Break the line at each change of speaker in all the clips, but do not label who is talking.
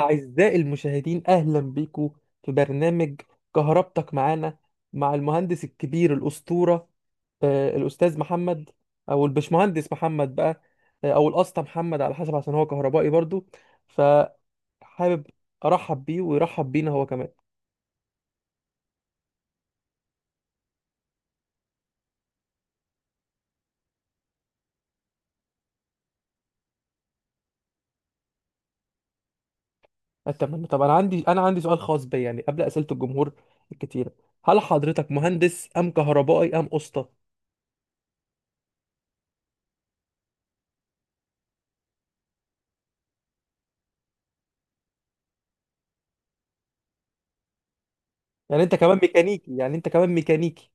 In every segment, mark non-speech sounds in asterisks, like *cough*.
أعزائي المشاهدين أهلا بيكم في برنامج كهربتك معانا مع المهندس الكبير الأسطورة الأستاذ محمد أو البشمهندس محمد بقى، أو الأسطى محمد على حسب عشان هو كهربائي برضو. فحابب أرحب بيه ويرحب بينا هو كمان. أتمنى. طب أنا عندي سؤال خاص بي يعني قبل أسئلة الجمهور الكتيرة. هل حضرتك مهندس أم كهربائي أم أسطى؟ يعني أنت كمان ميكانيكي.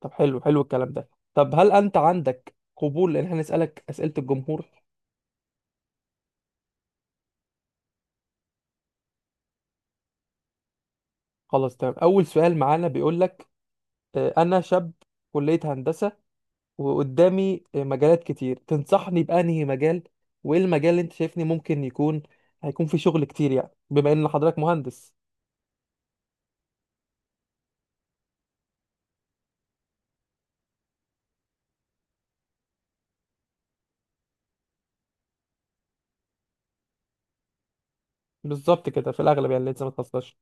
طب حلو الكلام ده. طب هل انت عندك قبول ان احنا نسالك اسئله الجمهور؟ خلاص تمام. اول سؤال معانا بيقول لك انا شاب كليه هندسه وقدامي مجالات كتير، تنصحني بانهي مجال؟ وايه المجال اللي انت شايفني ممكن يكون هيكون فيه شغل كتير، يعني بما ان حضرتك مهندس؟ بالظبط كده، في الاغلب يعني لسه ما تخصصش.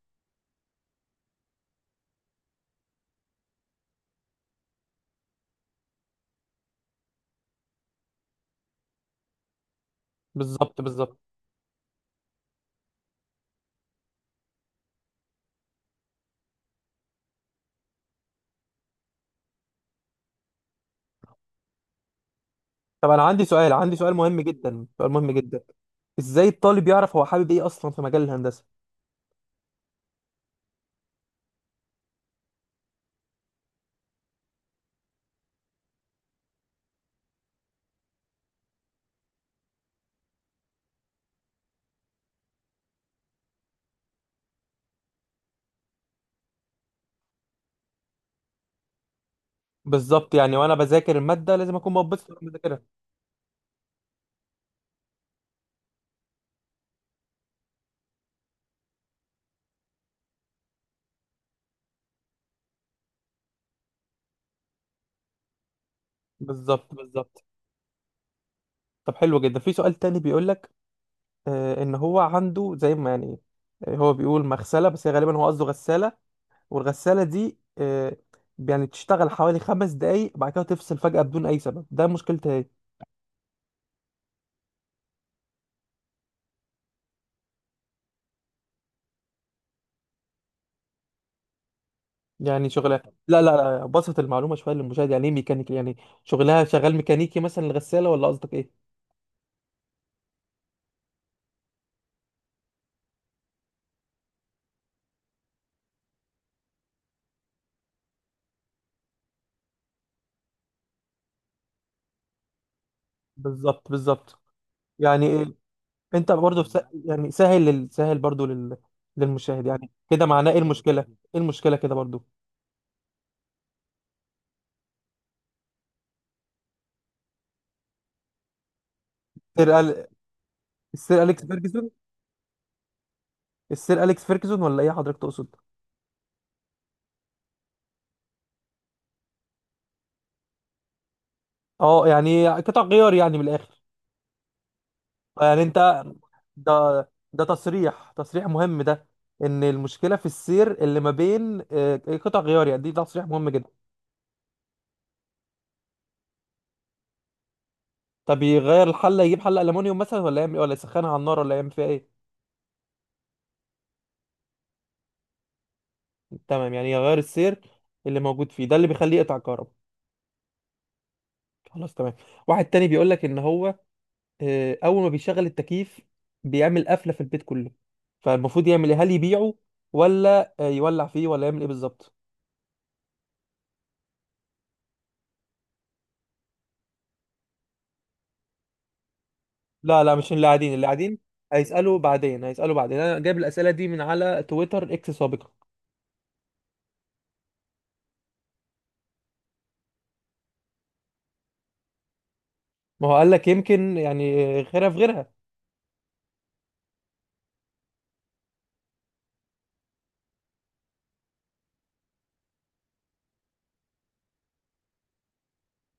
بالظبط. طب انا عندي سؤال، عندي سؤال مهم جدا. ازاي الطالب يعرف هو حابب ايه اصلا في مجال الهندسه؟ بالظبط، يعني وانا بذاكر الماده لازم اكون مبسوط وانا بذاكرها. بالظبط. طب حلو جدا. في سؤال تاني بيقول لك ان هو عنده زي ما يعني، هو بيقول مغسله بس هي غالبا هو قصده غساله، والغساله دي يعني تشتغل حوالي 5 دقايق بعد كده تفصل فجاه بدون اي سبب. ده مشكلتها ايه؟ يعني شغلها، لا لا لا، بسط المعلومه شويه للمشاهد. يعني ايه ميكانيكي؟ يعني شغلها شغال ميكانيكي مثلا الغساله، ولا قصدك ايه؟ بالظبط بالظبط. يعني إيه؟ انت برضه يعني سهل برضه للمشاهد. يعني كده معناه ايه المشكله؟ ايه المشكله كده برضه؟ السير اليكس فيرجسون؟ السير اليكس فيرجسون ولا ايه حضرتك تقصد؟ اه، يعني قطع غيار يعني من الاخر. يعني انت، ده تصريح، تصريح مهم ده. ان المشكله في السير اللي ما بين آه، إيه، قطع غيار يعني، دي تصريح مهم جدا. طب يغير الحله، يجيب حله المونيوم مثلا ولا يعمل إيه؟ ولا يسخنها على النار ولا يعمل فيها ايه؟ تمام، يعني يغير السير اللي موجود فيه ده اللي بيخليه يقطع كهرباء. خلاص تمام. واحد تاني بيقول لك ان هو اول ما بيشغل التكييف بيعمل قفله في البيت كله، فالمفروض يعمل ايه؟ هل يبيعه ولا يولع فيه ولا يعمل ايه بالظبط؟ لا لا، مش اللي قاعدين، اللي قاعدين هيسالوا بعدين، هيسالوا بعدين. انا جايب الاسئله دي من على تويتر اكس سابقا. ما هو قال لك يمكن يعني غيرها في غيرها.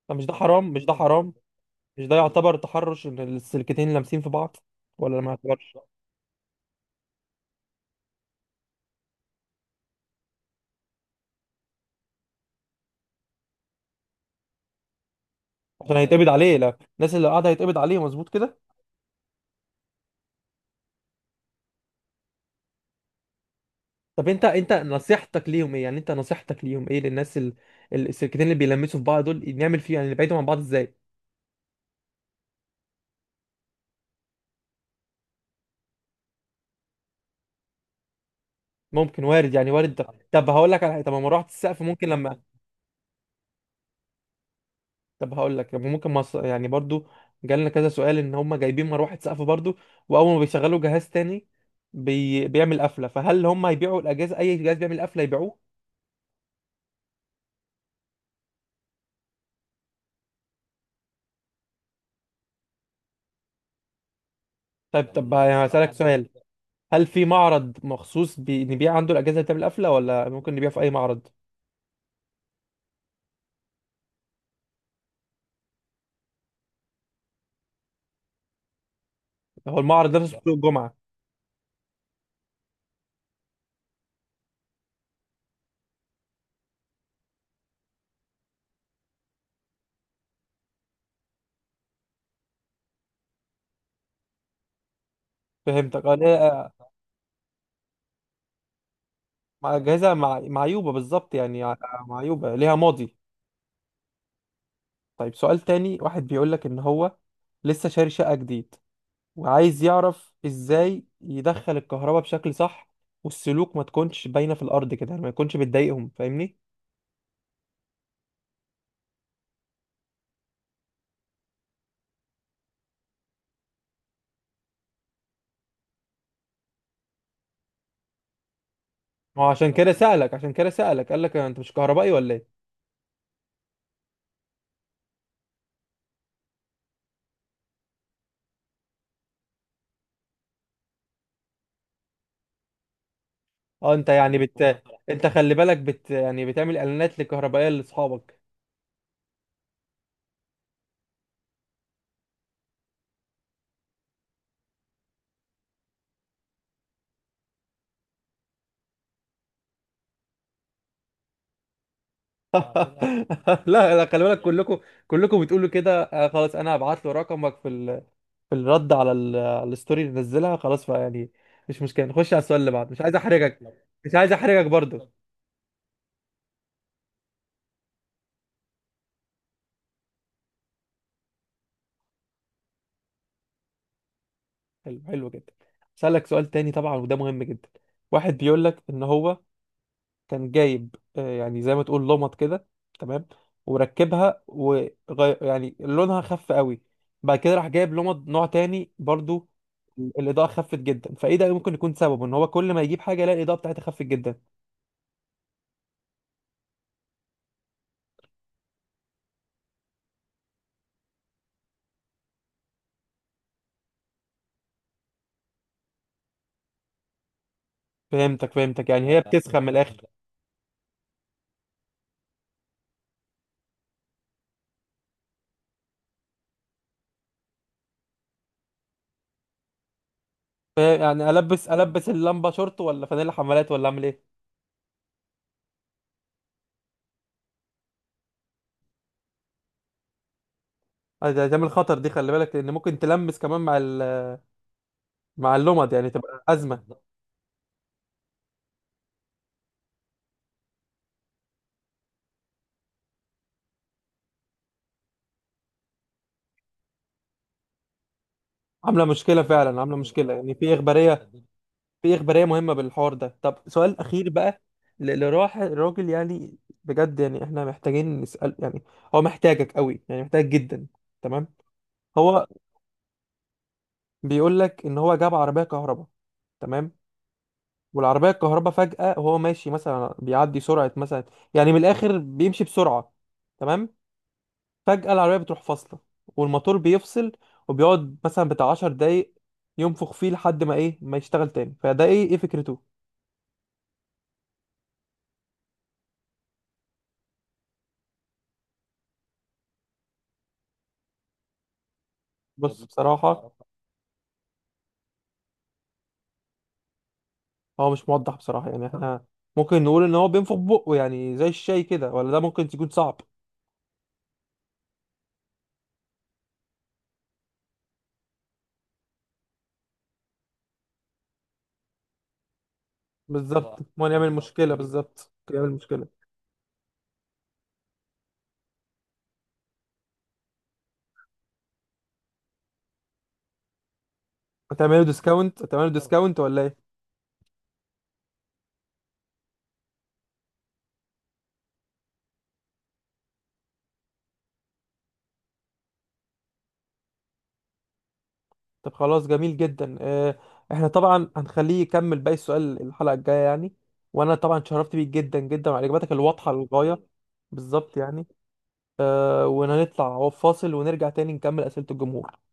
فمش ده حرام؟ مش ده حرام؟ مش ده يعتبر تحرش ان السلكتين لامسين في بعض ولا ما يعتبرش؟ عشان هيتقبض عليه؟ لا، الناس اللي قاعده هيتقبض عليه مظبوط كده؟ طب انت نصيحتك ليهم ايه؟ يعني انت نصيحتك ليهم ايه للناس السلكتين اللي بيلمسوا في بعض دول، نعمل فيه يعني، نبعدهم عن بعض ازاي؟ ممكن، وارد، يعني وارد. طب هقول لك على حاجه، طب ما مروحه السقف ممكن لما. طب هقول لك، يعني برضو جالنا كذا سؤال ان هم جايبين مروحه سقف برضو، واول ما بيشغلوا جهاز تاني بيعمل قفله، فهل هم هيبيعوا الاجهزه؟ اي جهاز بيعمل قفله يبيعوه؟ طب هسألك سؤال. هل في معرض مخصوص نبيع عنده الاجهزه اللي بتعمل قفله ولا ممكن نبيع في اي معرض؟ هو المعرض نفسه في سوق الجمعه؟ فهمتك، اه، مع جاهزة، مع معيوبة بالظبط يعني، معيوبة ليها ماضي. طيب سؤال تاني. واحد بيقول لك ان هو لسه شاري شقة جديد، وعايز يعرف ازاي يدخل الكهرباء بشكل صح، والسلوك ما تكونش باينة في الارض كده، يعني ما يكونش بتضايقهم، فاهمني؟ ما هو عشان كده سألك، عشان كده سألك، قال لك انت مش كهربائي ولا ايه؟ اه انت يعني بت، انت خلي بالك بت يعني بتعمل اعلانات للكهربائية لاصحابك. *laughs* لا لا، خلي بالك كلكم، كلكم بتقولوا كده. خلاص، انا هبعت له رقمك في الرد على على الستوري اللي نزلها، خلاص بقى يعني. مش مشكله، نخش على السؤال اللي بعده، مش عايز احرجك. مش عايز احرجك برضو. حلو، حلو جدا. اسالك سؤال تاني طبعا، وده مهم جدا. واحد بيقول لك ان هو كان جايب يعني زي ما تقول لمط كده، تمام، وركبها وغير، يعني لونها خف قوي، بعد كده راح جايب لمط نوع تاني برضو، الاضاءه خفت جدا. فايه ده؟ ممكن يكون سببه ان هو كل ما يجيب حاجه يلاقي الاضاءه بتاعتها خفت جدا؟ فهمتك، يعني هي بتسخن من الاخر. فاهم، يعني البس، البس اللمبه شورت ولا فانيلا حمالات ولا اعمل ايه؟ ده تعمل خطر دي، خلي بالك، لان ممكن تلمس كمان مع مع اللمض، يعني تبقى ازمه. عامله مشكله فعلا، عامله مشكله يعني، في اخباريه، في اخباريه مهمه بالحوار ده. طب سؤال اخير بقى، لراح الراجل يعني، بجد يعني احنا محتاجين نسال يعني، هو محتاجك قوي، يعني محتاج جدا. تمام. هو بيقول لك ان هو جاب عربيه كهرباء، تمام، والعربية الكهرباء فجأة وهو ماشي مثلا بيعدي سرعة مثلا، يعني من الآخر بيمشي بسرعة، تمام، فجأة العربية بتروح فاصلة، والموتور بيفصل، وبيقعد مثلا بتاع 10 دقايق ينفخ فيه لحد ما إيه ما يشتغل تاني. فده إيه؟ إيه فكرته؟ بص بصراحة، هو مش موضح بصراحة يعني، إحنا *laughs* ممكن نقول إن هو بينفخ بقه يعني زي الشاي كده، ولا ده ممكن تكون صعب. بالظبط، ما يعمل مشكلة، بالظبط يعمل مشكلة. هتعمله ديسكاونت؟ هتعمله ديسكاونت ولا إيه؟ طب خلاص، جميل جدا. احنا طبعا هنخليه يكمل باقي السؤال الحلقة الجاية يعني، وانا طبعا اتشرفت بيك جدا جدا، وعلى اجاباتك الواضحة للغاية. بالظبط يعني. وهنطلع هو فاصل ونرجع تاني نكمل أسئلة الجمهور.